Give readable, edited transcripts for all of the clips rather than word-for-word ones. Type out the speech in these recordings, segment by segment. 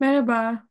Merhaba.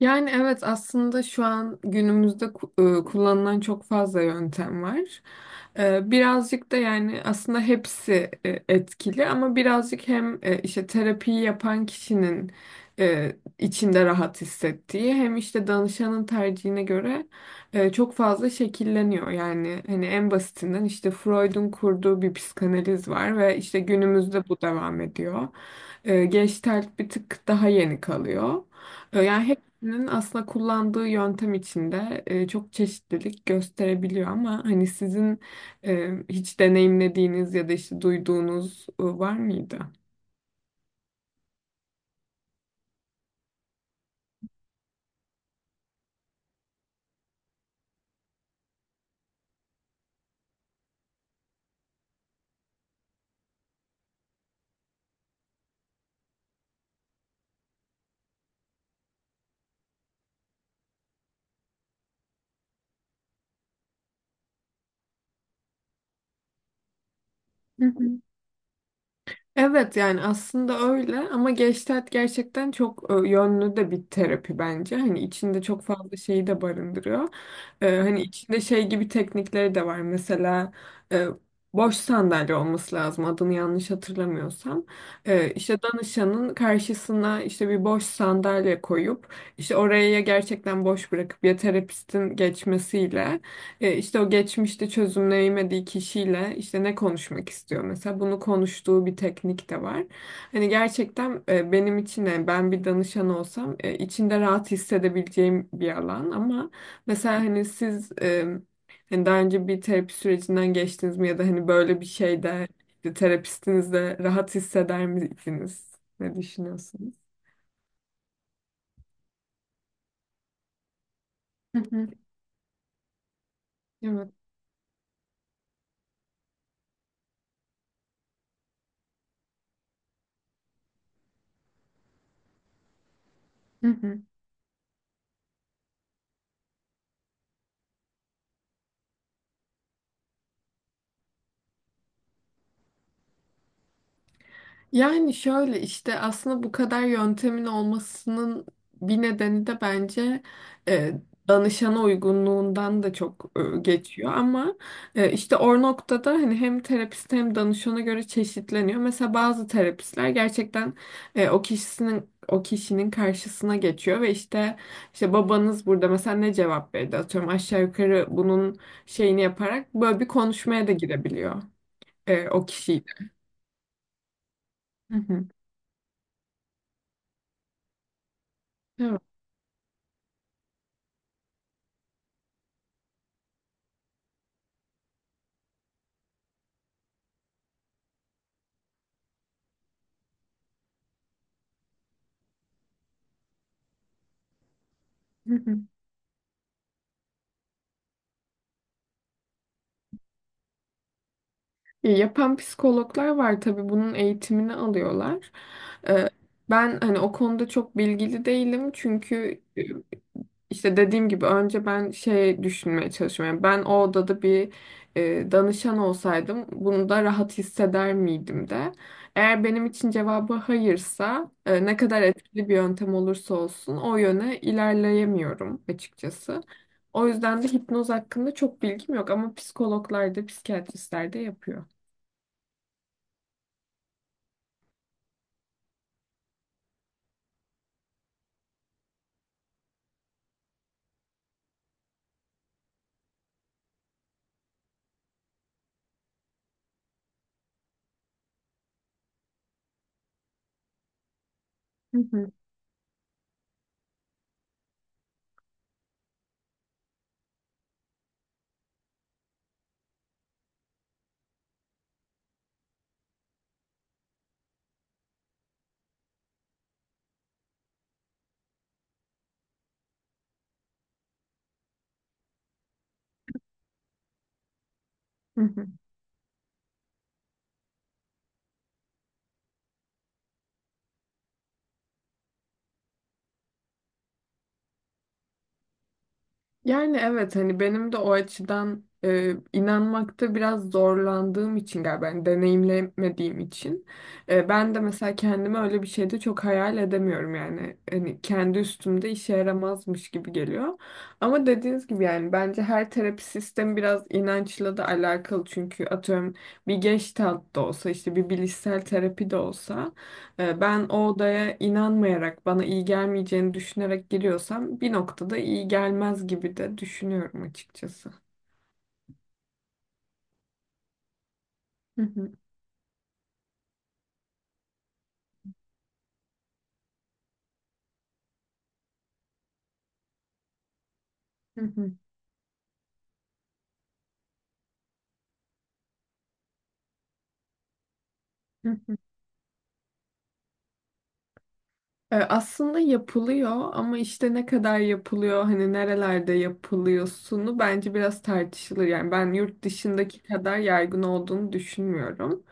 Yani evet aslında şu an günümüzde kullanılan çok fazla yöntem var. Birazcık da yani aslında hepsi etkili ama birazcık hem işte terapiyi yapan kişinin içinde rahat hissettiği hem işte danışanın tercihine göre çok fazla şekilleniyor. Yani hani en basitinden işte Freud'un kurduğu bir psikanaliz var ve işte günümüzde bu devam ediyor. Gestalt bir tık daha yeni kalıyor. Yani Nin aslında kullandığı yöntem içinde çok çeşitlilik gösterebiliyor ama hani sizin hiç deneyimlediğiniz ya da işte duyduğunuz var mıydı? Hı hı. Evet yani aslında öyle ama Gestalt gerçekten çok yönlü de bir terapi bence. Hani içinde çok fazla şeyi de barındırıyor. Hani içinde şey gibi teknikleri de var. Mesela e, boş sandalye olması lazım adını yanlış hatırlamıyorsam. İşte danışanın karşısına işte bir boş sandalye koyup işte oraya ya gerçekten boş bırakıp ya terapistin geçmesiyle işte o geçmişte çözümleyemediği kişiyle işte ne konuşmak istiyor mesela bunu konuştuğu bir teknik de var. Hani gerçekten benim için yani ben bir danışan olsam içinde rahat hissedebileceğim bir alan ama mesela hani siz hani daha önce bir terapi sürecinden geçtiniz mi ya da hani böyle bir şeyde işte terapistinizle rahat hisseder miydiniz? Ne düşünüyorsunuz? Hı hı. Evet. Yani şöyle işte aslında bu kadar yöntemin olmasının bir nedeni de bence e, danışana uygunluğundan da çok geçiyor ama işte o noktada hani hem terapist hem danışana göre çeşitleniyor. Mesela bazı terapistler gerçekten o kişinin karşısına geçiyor ve işte babanız burada mesela ne cevap verdi atıyorum aşağı yukarı bunun şeyini yaparak böyle bir konuşmaya da girebiliyor o kişiyle. Hı hı. Evet. Yapan psikologlar var tabii bunun eğitimini alıyorlar. Ee, Ben hani o konuda çok bilgili değilim çünkü işte dediğim gibi önce ben şey düşünmeye çalışıyorum. Yani ben o odada bir danışan olsaydım bunu da rahat hisseder miydim de. Eğer benim için cevabı hayırsa ne kadar etkili bir yöntem olursa olsun o yöne ilerleyemiyorum açıkçası. O yüzden de hipnoz hakkında çok bilgim yok ama psikologlar da psikiyatristler de yapıyor. Hı hı. Hı hı. Yani evet hani benim de o açıdan inanmakta biraz zorlandığım için galiba ben deneyimlemediğim için. Ben de mesela kendimi öyle bir şeyde çok hayal edemiyorum yani hani kendi üstümde işe yaramazmış gibi geliyor. Ama dediğiniz gibi yani bence her terapi sistemi biraz inançla da alakalı çünkü atıyorum bir Gestalt da olsa işte bir bilişsel terapi de olsa ben o odaya inanmayarak, bana iyi gelmeyeceğini düşünerek giriyorsam bir noktada iyi gelmez gibi de düşünüyorum açıkçası. Hı hı, hı hı, hı. Aslında yapılıyor ama işte ne kadar yapılıyor hani nerelerde yapılıyorsunu bence biraz tartışılır. Yani ben yurt dışındaki kadar yaygın olduğunu düşünmüyorum.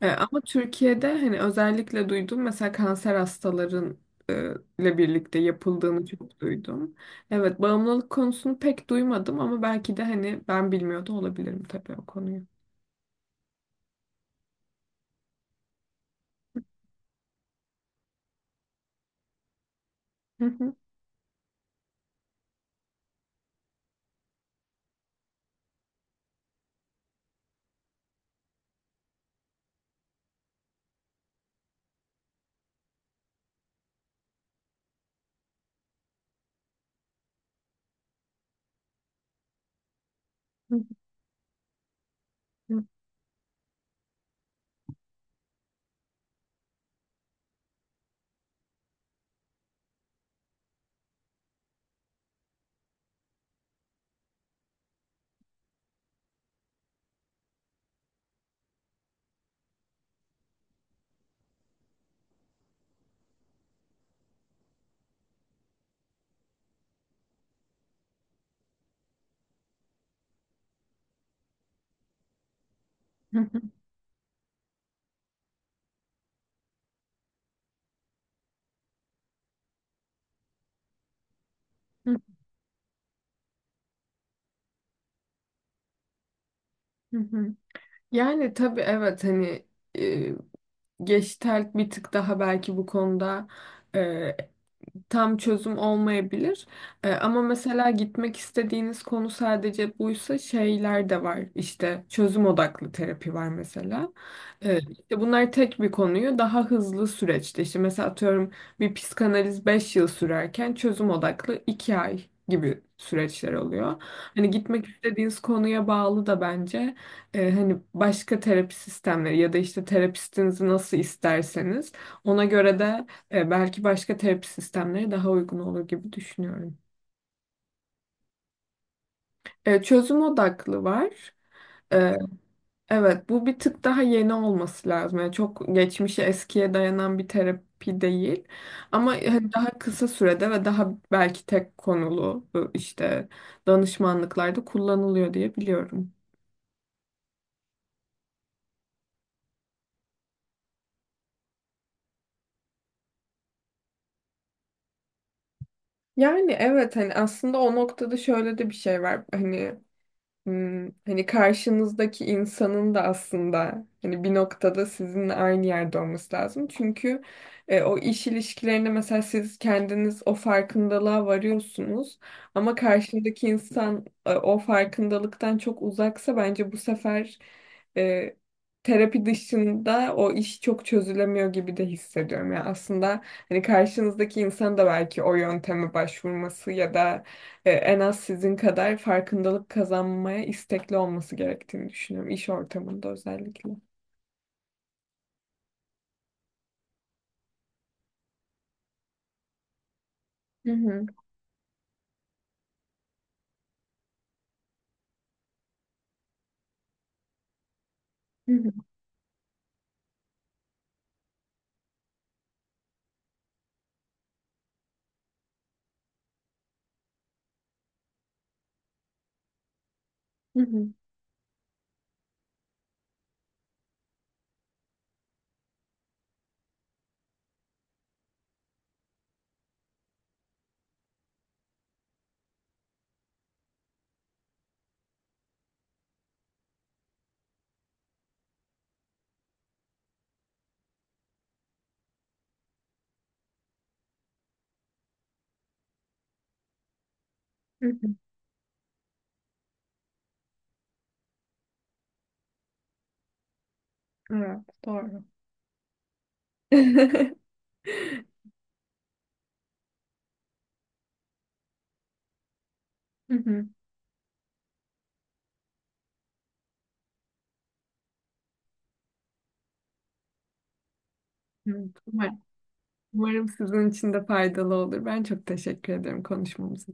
Ama Türkiye'de hani özellikle duydum mesela kanser hastaların e, ile birlikte yapıldığını çok duydum. Evet bağımlılık konusunu pek duymadım ama belki de hani ben bilmiyor da olabilirim tabii o konuyu. Hı hı, hı hı, hı hı, hı hı, hı hı. Yani tabii evet hani Gestalt bir tık daha belki bu konuda e, tam çözüm olmayabilir. Ama mesela gitmek istediğiniz konu sadece buysa şeyler de var. İşte çözüm odaklı terapi var mesela. Evet, işte bunlar tek bir konuyu daha hızlı süreçte işte mesela atıyorum bir psikanaliz 5 yıl sürerken çözüm odaklı 2 ay gibi süreçler oluyor. Hani gitmek istediğiniz konuya bağlı da bence hani başka terapi sistemleri ya da işte terapistinizi nasıl isterseniz ona göre de belki başka terapi sistemleri daha uygun olur gibi düşünüyorum. Çözüm odaklı var. E, Evet, bu bir tık daha yeni olması lazım. Yani çok geçmişe, eskiye dayanan bir terapi değil. Ama hani daha kısa sürede ve daha belki tek konulu bu işte danışmanlıklarda kullanılıyor diye biliyorum. Yani evet hani aslında o noktada şöyle de bir şey var. Hani karşınızdaki insanın da aslında hani bir noktada sizinle aynı yerde olması lazım. Çünkü o iş ilişkilerinde mesela siz kendiniz o farkındalığa varıyorsunuz ama karşındaki insan o farkındalıktan çok uzaksa bence bu sefer e, terapi dışında o iş çok çözülemiyor gibi de hissediyorum. Yani aslında hani karşınızdaki insan da belki o yönteme başvurması ya da en az sizin kadar farkındalık kazanmaya istekli olması gerektiğini düşünüyorum. İş ortamında özellikle. Hı hı, hı hı, hı hı, hı hı. Evet, doğru. Hı hı, hı. Umarım, sizin için de faydalı olur. Ben çok teşekkür ederim konuşmamız